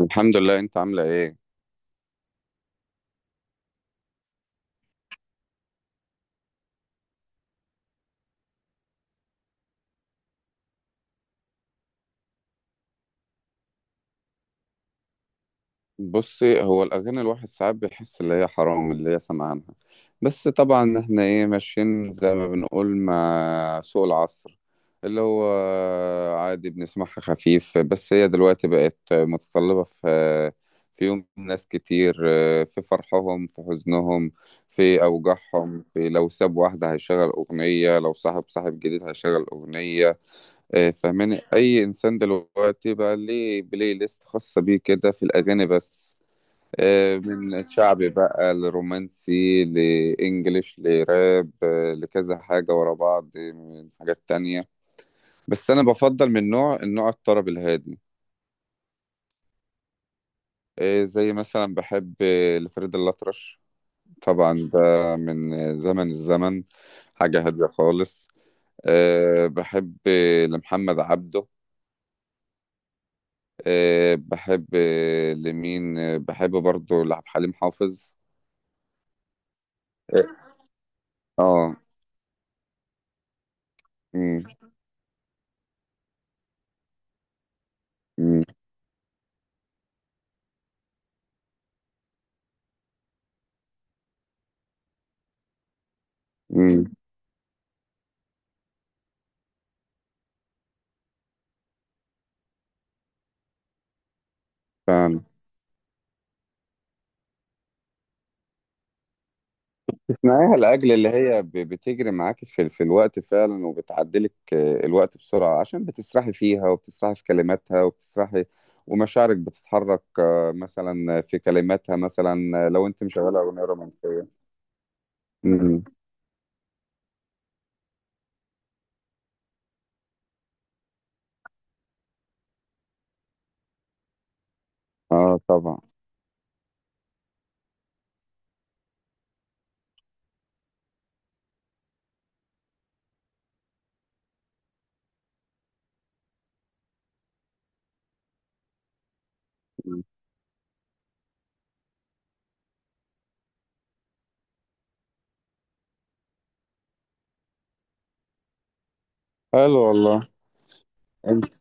الحمد لله. انت عاملة ايه؟ بصي، هو الاغاني الواحد ساعات بيحس اللي هي حرام اللي هي سمعانها. بس طبعا احنا ايه ماشيين زي ما بنقول مع سوق العصر، اللي هو عادي بنسمعها خفيف، بس هي دلوقتي بقت متطلبة في يوم ناس كتير، في فرحهم، في حزنهم، في اوجاعهم، في لو ساب واحدة هيشغل اغنية، لو صاحب صاحب جديد هيشغل اغنية. فاهماني؟ اي انسان دلوقتي بقى ليه بلاي ليست خاصه بيه كده في الاغاني بس. من شعبي بقى، لرومانسي، لانجليش، لراب، لكذا حاجه ورا بعض، من حاجات تانية. بس انا بفضل من النوع الطرب الهادي. زي مثلا بحب لفريد الأطرش. طبعا ده من الزمن. حاجه هاديه خالص. بحب لمحمد عبده. بحب لمين بحب برضو لعب حليم حافظ. اه. امم. امم. امم. فعلا. تسمعيها لأجل اللي هي بتجري معاكي في الوقت فعلا، وبتعدلك الوقت بسرعة عشان بتسرحي فيها وبتسرحي في كلماتها وبتسرحي. ومشاعرك بتتحرك مثلا في كلماتها مثلا. لو انت مشغلة أغنية رومانسية. امم. اه، طبعا. مم. حلو والله. انت.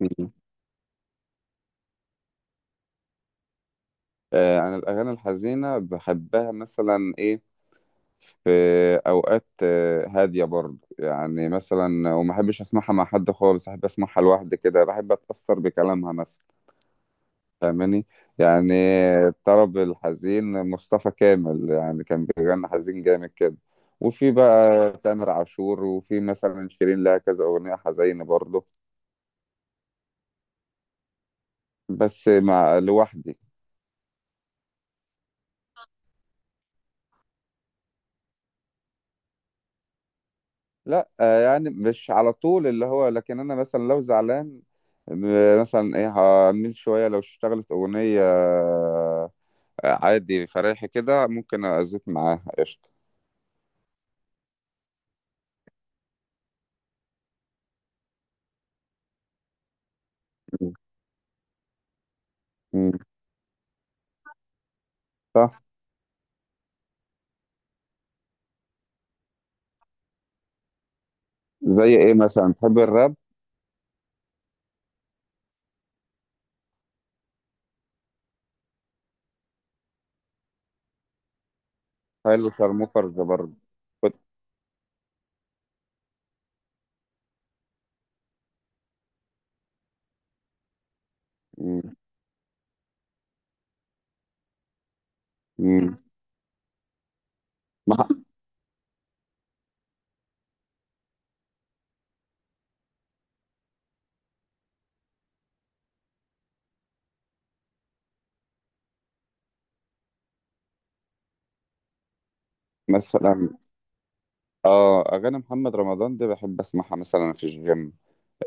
مم. انا الاغاني الحزينه بحبها، مثلا، ايه، في أوقات هادية برضه، يعني مثلا، وما أحبش أسمعها مع حد خالص، أحب أسمعها لوحدي كده، بحب أتأثر بكلامها مثلا. فاهماني؟ يعني. الطرب الحزين، مصطفى كامل يعني، كان بيغني حزين جامد كده. وفي بقى تامر عاشور، وفي مثلا شيرين، لها كذا أغنية حزينة برضه. بس مع لوحدي. لا، يعني مش على طول اللي هو، لكن انا مثلا لو زعلان، مثلا ايه هعمل شويه، لو اشتغلت اغنيه عادي فريحي كده ممكن ازيت معاها قشطه. مم، صح. زي ايه مثلا؟ تحب الراب؟ حلو، شارموفرز برضه. كنت- مم. مم. مح- مثلا. اه، اغاني محمد رمضان دي بحب اسمعها مثلا في الجيم.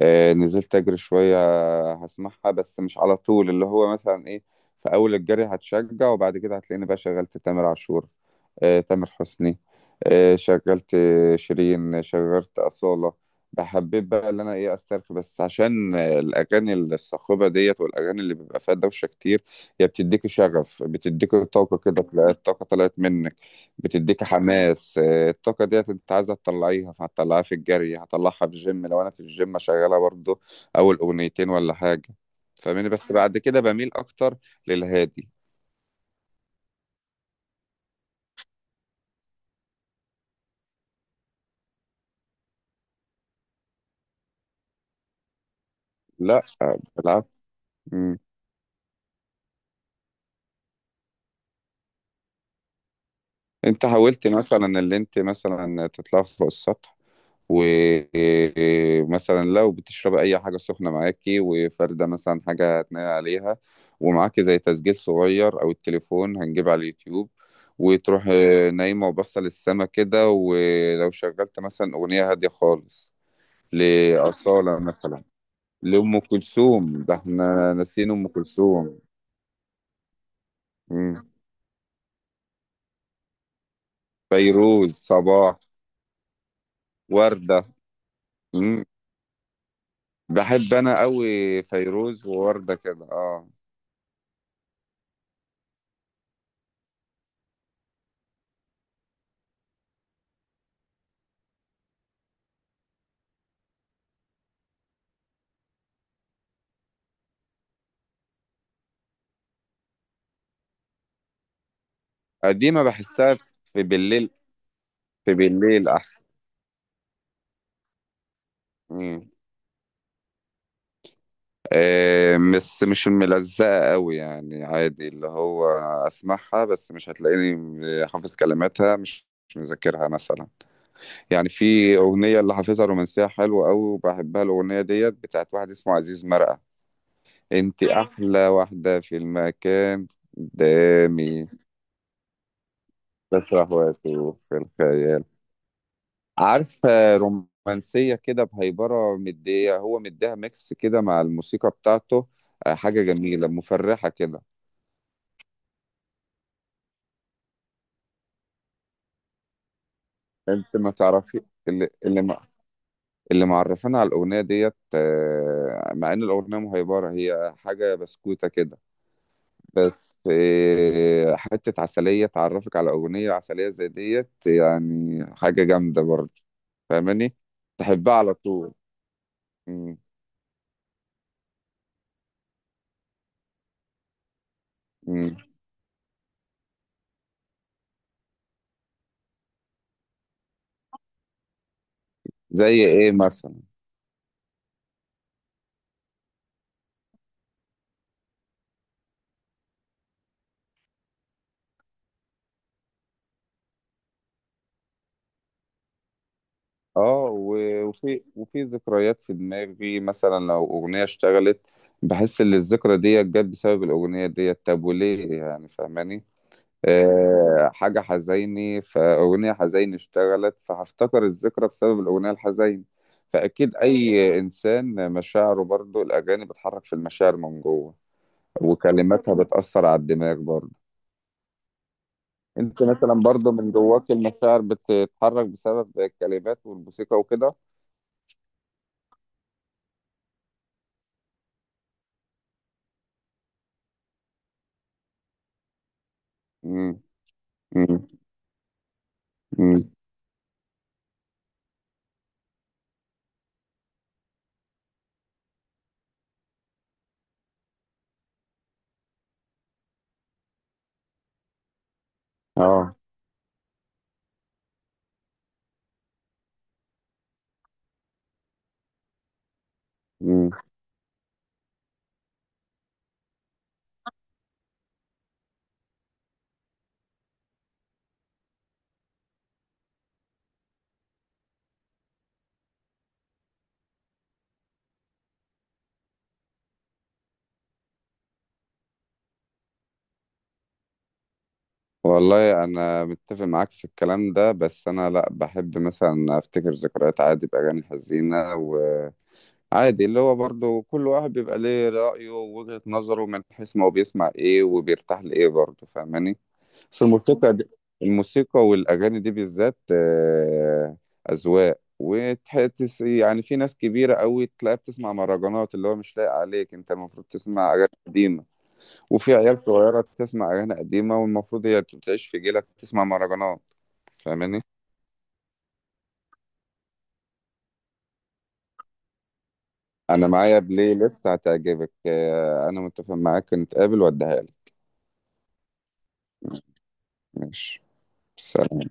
نزلت اجري شويه هسمعها، بس مش على طول اللي هو، مثلا ايه. في اول الجري هتشجع، وبعد كده هتلاقيني بقى شغلت تامر عاشور، تامر حسني، شغلت شيرين، شغلت أصالة. بحبيت بقى اللي انا ايه، استرخي بس، عشان الاغاني الصاخبه ديت والاغاني اللي بيبقى فيها دوشه كتير، هي بتديك شغف، بتديك طاقه كده، تلاقي الطاقه طلعت منك. بتديك حماس. الطاقة ديت انت عايزة تطلعيها، فهتطلعيها في الجري، هطلعها في الجيم لو انا في الجيم شغالة برضو اول اغنيتين ولا حاجة. فاهمني؟ بس بعد كده بميل اكتر للهادي. لا، بالعكس. مم. انت حاولت مثلا اللي انت مثلا تطلع فوق السطح، ومثلا لو بتشرب اي حاجه سخنه معاكي وفارده مثلا حاجه هتنقي عليها، ومعاكي زي تسجيل صغير او التليفون هنجيب على اليوتيوب، وتروح نايمه وبصه للسما كده، ولو شغلت مثلا اغنيه هاديه خالص لاصاله مثلا، لام كلثوم! ده احنا ناسيين ام كلثوم. مم. فيروز، صباح، ورده. مم. بحب انا قوي فيروز ووردة كده، اه. قديمة بحسها في بالليل. في بالليل احسن. مم. بس مش ملزقة قوي، يعني عادي اللي هو، اسمعها بس مش هتلاقيني حافظ كلماتها، مش مذاكرها مثلا. يعني في أغنية اللي حافظها رومانسية حلوة قوي وبحبها، الأغنية ديت بتاعت واحد اسمه عزيز مرقة. انت أحلى واحدة في المكان قدامي، بسرح وأتوه في الخيال. عارف، رومانسية كده بهيبرة، مدية هو مديها ميكس كده مع الموسيقى بتاعته. حاجة جميلة مفرحة كده. انت ما تعرفي. اللي اللي ما اللي معرفانا على الأغنية ديت، مع إن الأغنية مهيبرة هي حاجة بسكوتة كده. بس حتة عسلية تعرفك على أغنية عسلية زي ديت يعني حاجة جامدة برضه. فاهماني؟ تحبها على طول. مم. مم. زي إيه مثلا؟ اه، وفي ذكريات في دماغي مثلا لو أغنية اشتغلت، بحس إن الذكرى ديت جت بسبب الأغنية ديت. طب وليه يعني؟ فاهماني؟ حاجة حزيني، فأغنية حزيني اشتغلت، فهفتكر الذكرى بسبب الأغنية الحزيني. فأكيد أي إنسان مشاعره برضو الأغاني بتحرك في المشاعر من جوه، وكلماتها بتأثر على الدماغ برضو. أنت مثلا برضو من جواك المشاعر بتتحرك بسبب الكلمات والموسيقى وكده. مم. مم. اه. مم. والله انا متفق معاك في الكلام ده، بس انا لا، بحب مثلا افتكر ذكريات عادي باغاني حزينه. وعادي اللي هو، برضو كل واحد بيبقى ليه رايه ووجهه نظره من حيث ما هو بيسمع ايه وبيرتاح لايه برضو. فاهماني؟ في الموسيقى دي، الموسيقى والاغاني دي بالذات اذواق وتحس، يعني في ناس كبيره قوي تلاقيها بتسمع مهرجانات اللي هو مش لايق عليك، انت المفروض تسمع اغاني قديمه. وفي عيال صغيرة بتسمع أغاني قديمة، والمفروض هي تعيش في جيلك تسمع مهرجانات. فاهماني؟ أنا معايا بلاي ليست هتعجبك. أنا متفق معاك، نتقابل وأديها لك. ماشي. سلام.